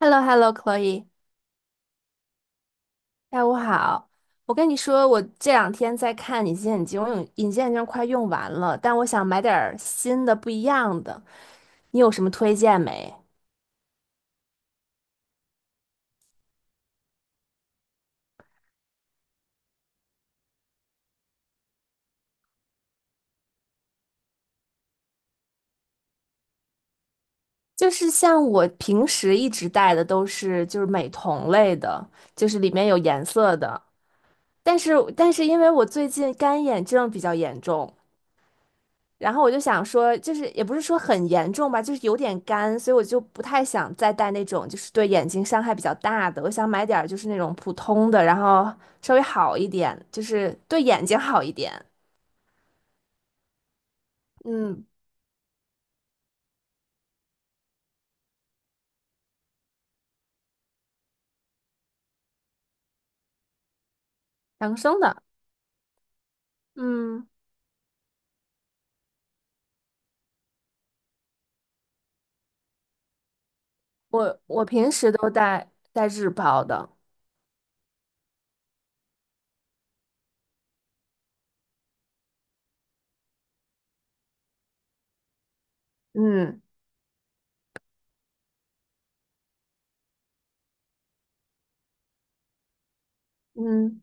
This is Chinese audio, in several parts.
h e l l o h e l l o c h l o e 下午好。我跟你说，我这两天在看隐形眼镜，我用隐形眼镜快用完了，但我想买点儿新的、不一样的。你有什么推荐没？就是像我平时一直戴的都是就是美瞳类的，就是里面有颜色的。但是因为我最近干眼症比较严重，然后我就想说，就是也不是说很严重吧，就是有点干，所以我就不太想再戴那种就是对眼睛伤害比较大的。我想买点儿就是那种普通的，然后稍微好一点，就是对眼睛好一点，嗯，养生的。嗯，我平时都戴日抛的，嗯嗯。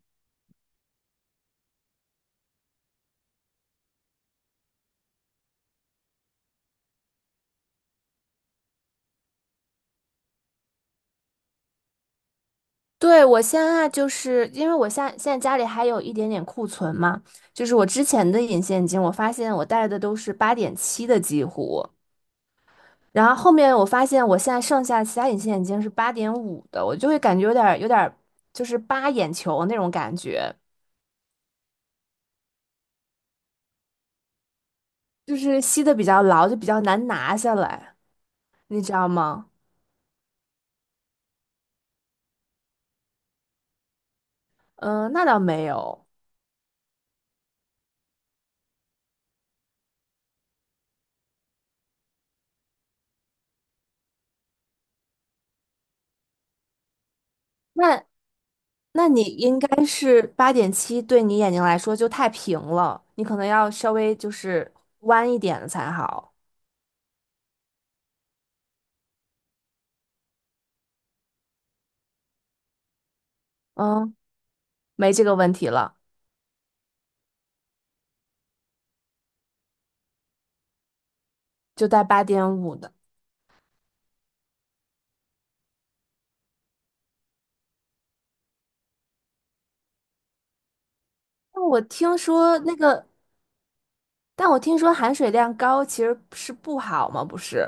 对，我现在就是因为我现在家里还有一点点库存嘛，就是我之前的隐形眼镜，我发现我戴的都是八点七的几乎。然后后面我发现我现在剩下其他隐形眼镜是八点五的，我就会感觉有点儿就是扒眼球那种感觉，就是吸的比较牢，就比较难拿下来，你知道吗？嗯、那倒没有，那那你应该是八点七，对你眼睛来说就太平了，你可能要稍微就是弯一点的才好。嗯，没这个问题了，就戴八点五的。那我听说那个，但我听说含水量高其实是不好吗？不是？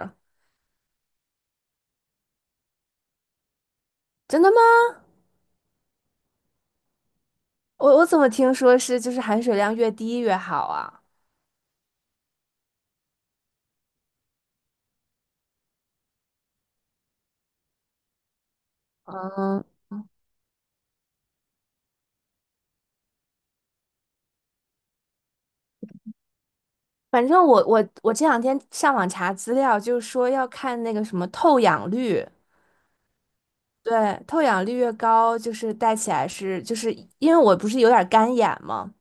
真的吗？我怎么听说是就是含水量越低越好啊？嗯，反正我这两天上网查资料，就是说要看那个什么透氧率，对，透氧率越高，就是戴起来是就是因为我不是有点干眼嘛，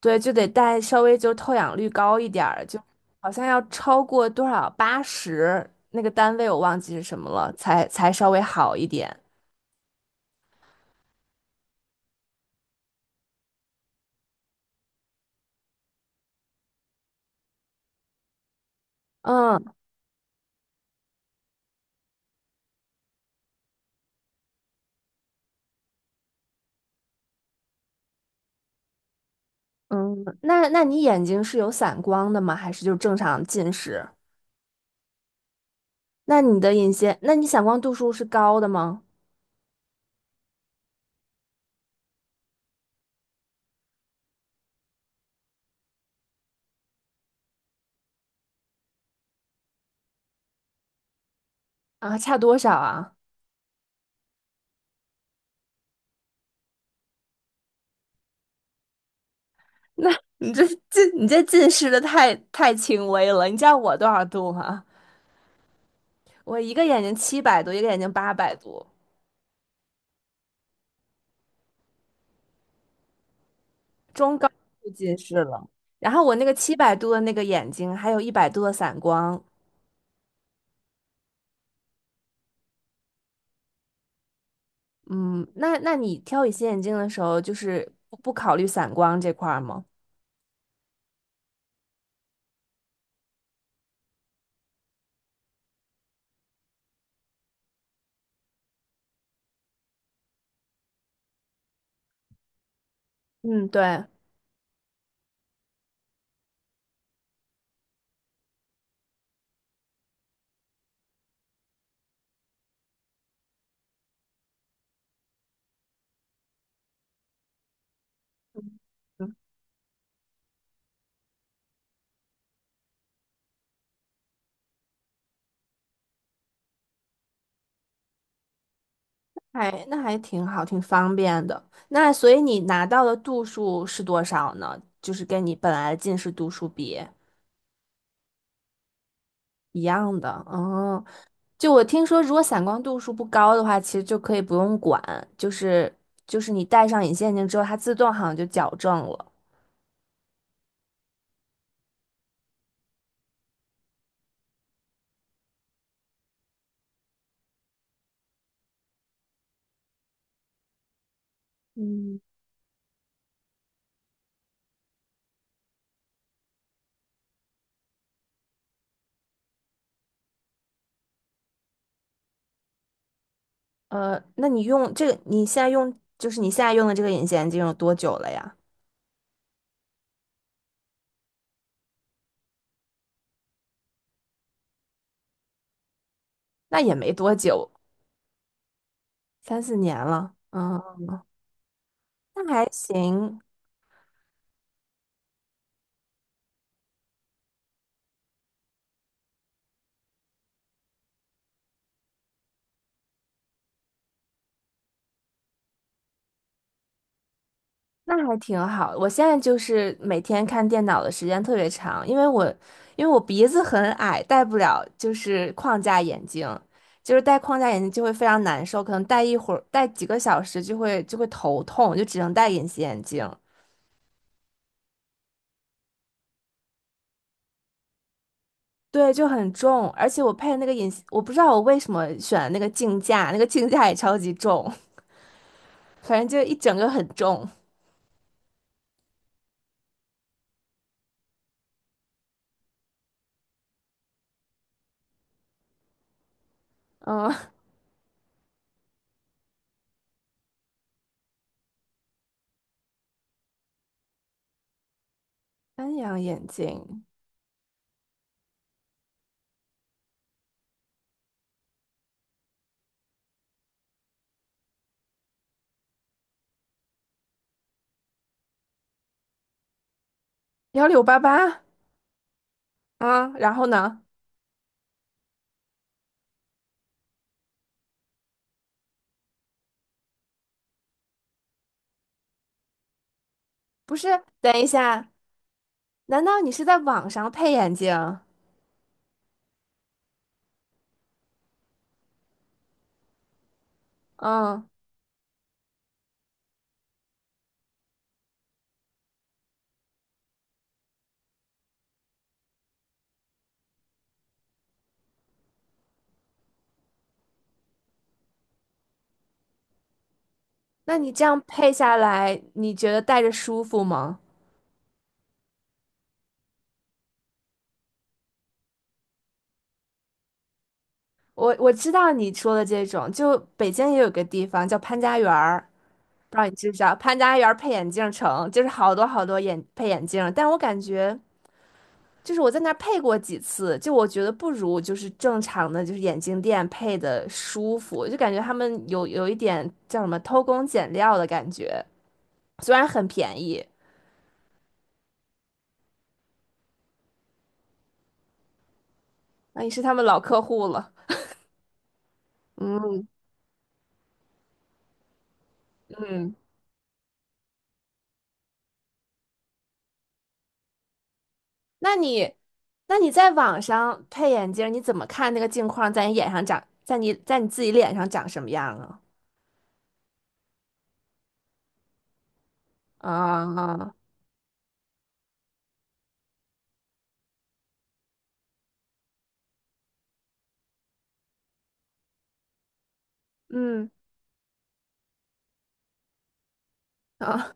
对，就得戴稍微就透氧率高一点儿，就好像要超过多少80那个单位我忘记是什么了，才稍微好一点。嗯，嗯，那你眼睛是有散光的吗？还是就正常近视？那你的隐形，那你散光度数是高的吗？啊，差多少啊？那你这近你这近视的太轻微了。你知道我多少度吗？我一个眼睛七百度，一个眼睛800度，中高度近视了。然后我那个七百度的那个眼睛，还有100度的散光。嗯，那你挑隐形眼镜的时候，就是不考虑散光这块儿吗？嗯，对。哎，那还挺好，挺方便的。那所以你拿到的度数是多少呢？就是跟你本来的近视度数比一样的。哦，就我听说，如果散光度数不高的话，其实就可以不用管，就是就是你戴上隐形眼镜之后，它自动好像就矫正了。那你用这个，你现在用就是你现在用的这个隐形眼镜有多久了呀？那也没多久，三四年了。嗯，那还行。那还挺好。我现在就是每天看电脑的时间特别长，因为我鼻子很矮，戴不了就是框架眼镜，就是戴框架眼镜就会非常难受，可能戴一会儿，戴几个小时就会头痛，就只能戴隐形眼镜。对，就很重，而且我配的那个隐形，我不知道我为什么选的那个镜架，那个镜架也超级重，反正就一整个很重。嗯，三阳眼镜，1688。啊，然后呢？不是，等一下，难道你是在网上配眼镜？嗯，那你这样配下来，你觉得戴着舒服吗？我知道你说的这种，就北京也有个地方叫潘家园儿，不知道你知不知道？潘家园儿配眼镜城，就是好多好多配眼镜儿但我感觉就是我在那儿配过几次，就我觉得不如就是正常的就是眼镜店配的舒服，就感觉他们有一点叫什么偷工减料的感觉，虽然很便宜，那、你是他们老客户了。那你，那你在网上配眼镜儿你怎么看那个镜框在你眼上长，在你自己脸上长什么样啊？啊，嗯啊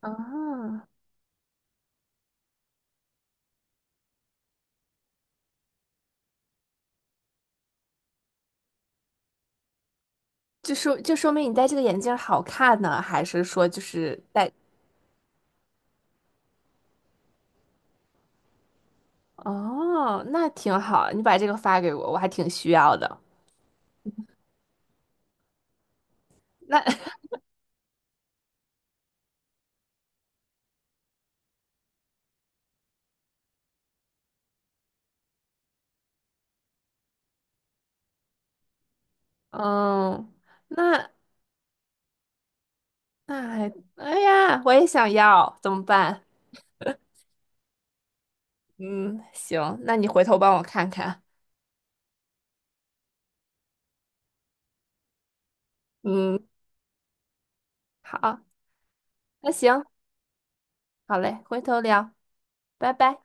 啊，就说明你戴这个眼镜儿好看呢，还是说就是戴？哦，那挺好，你把这个发给我，我还挺需要的。那 嗯，那那还，哎呀，我也想要，怎么办？嗯，行，那你回头帮我看看。嗯，好，那行。好嘞，回头聊，拜拜。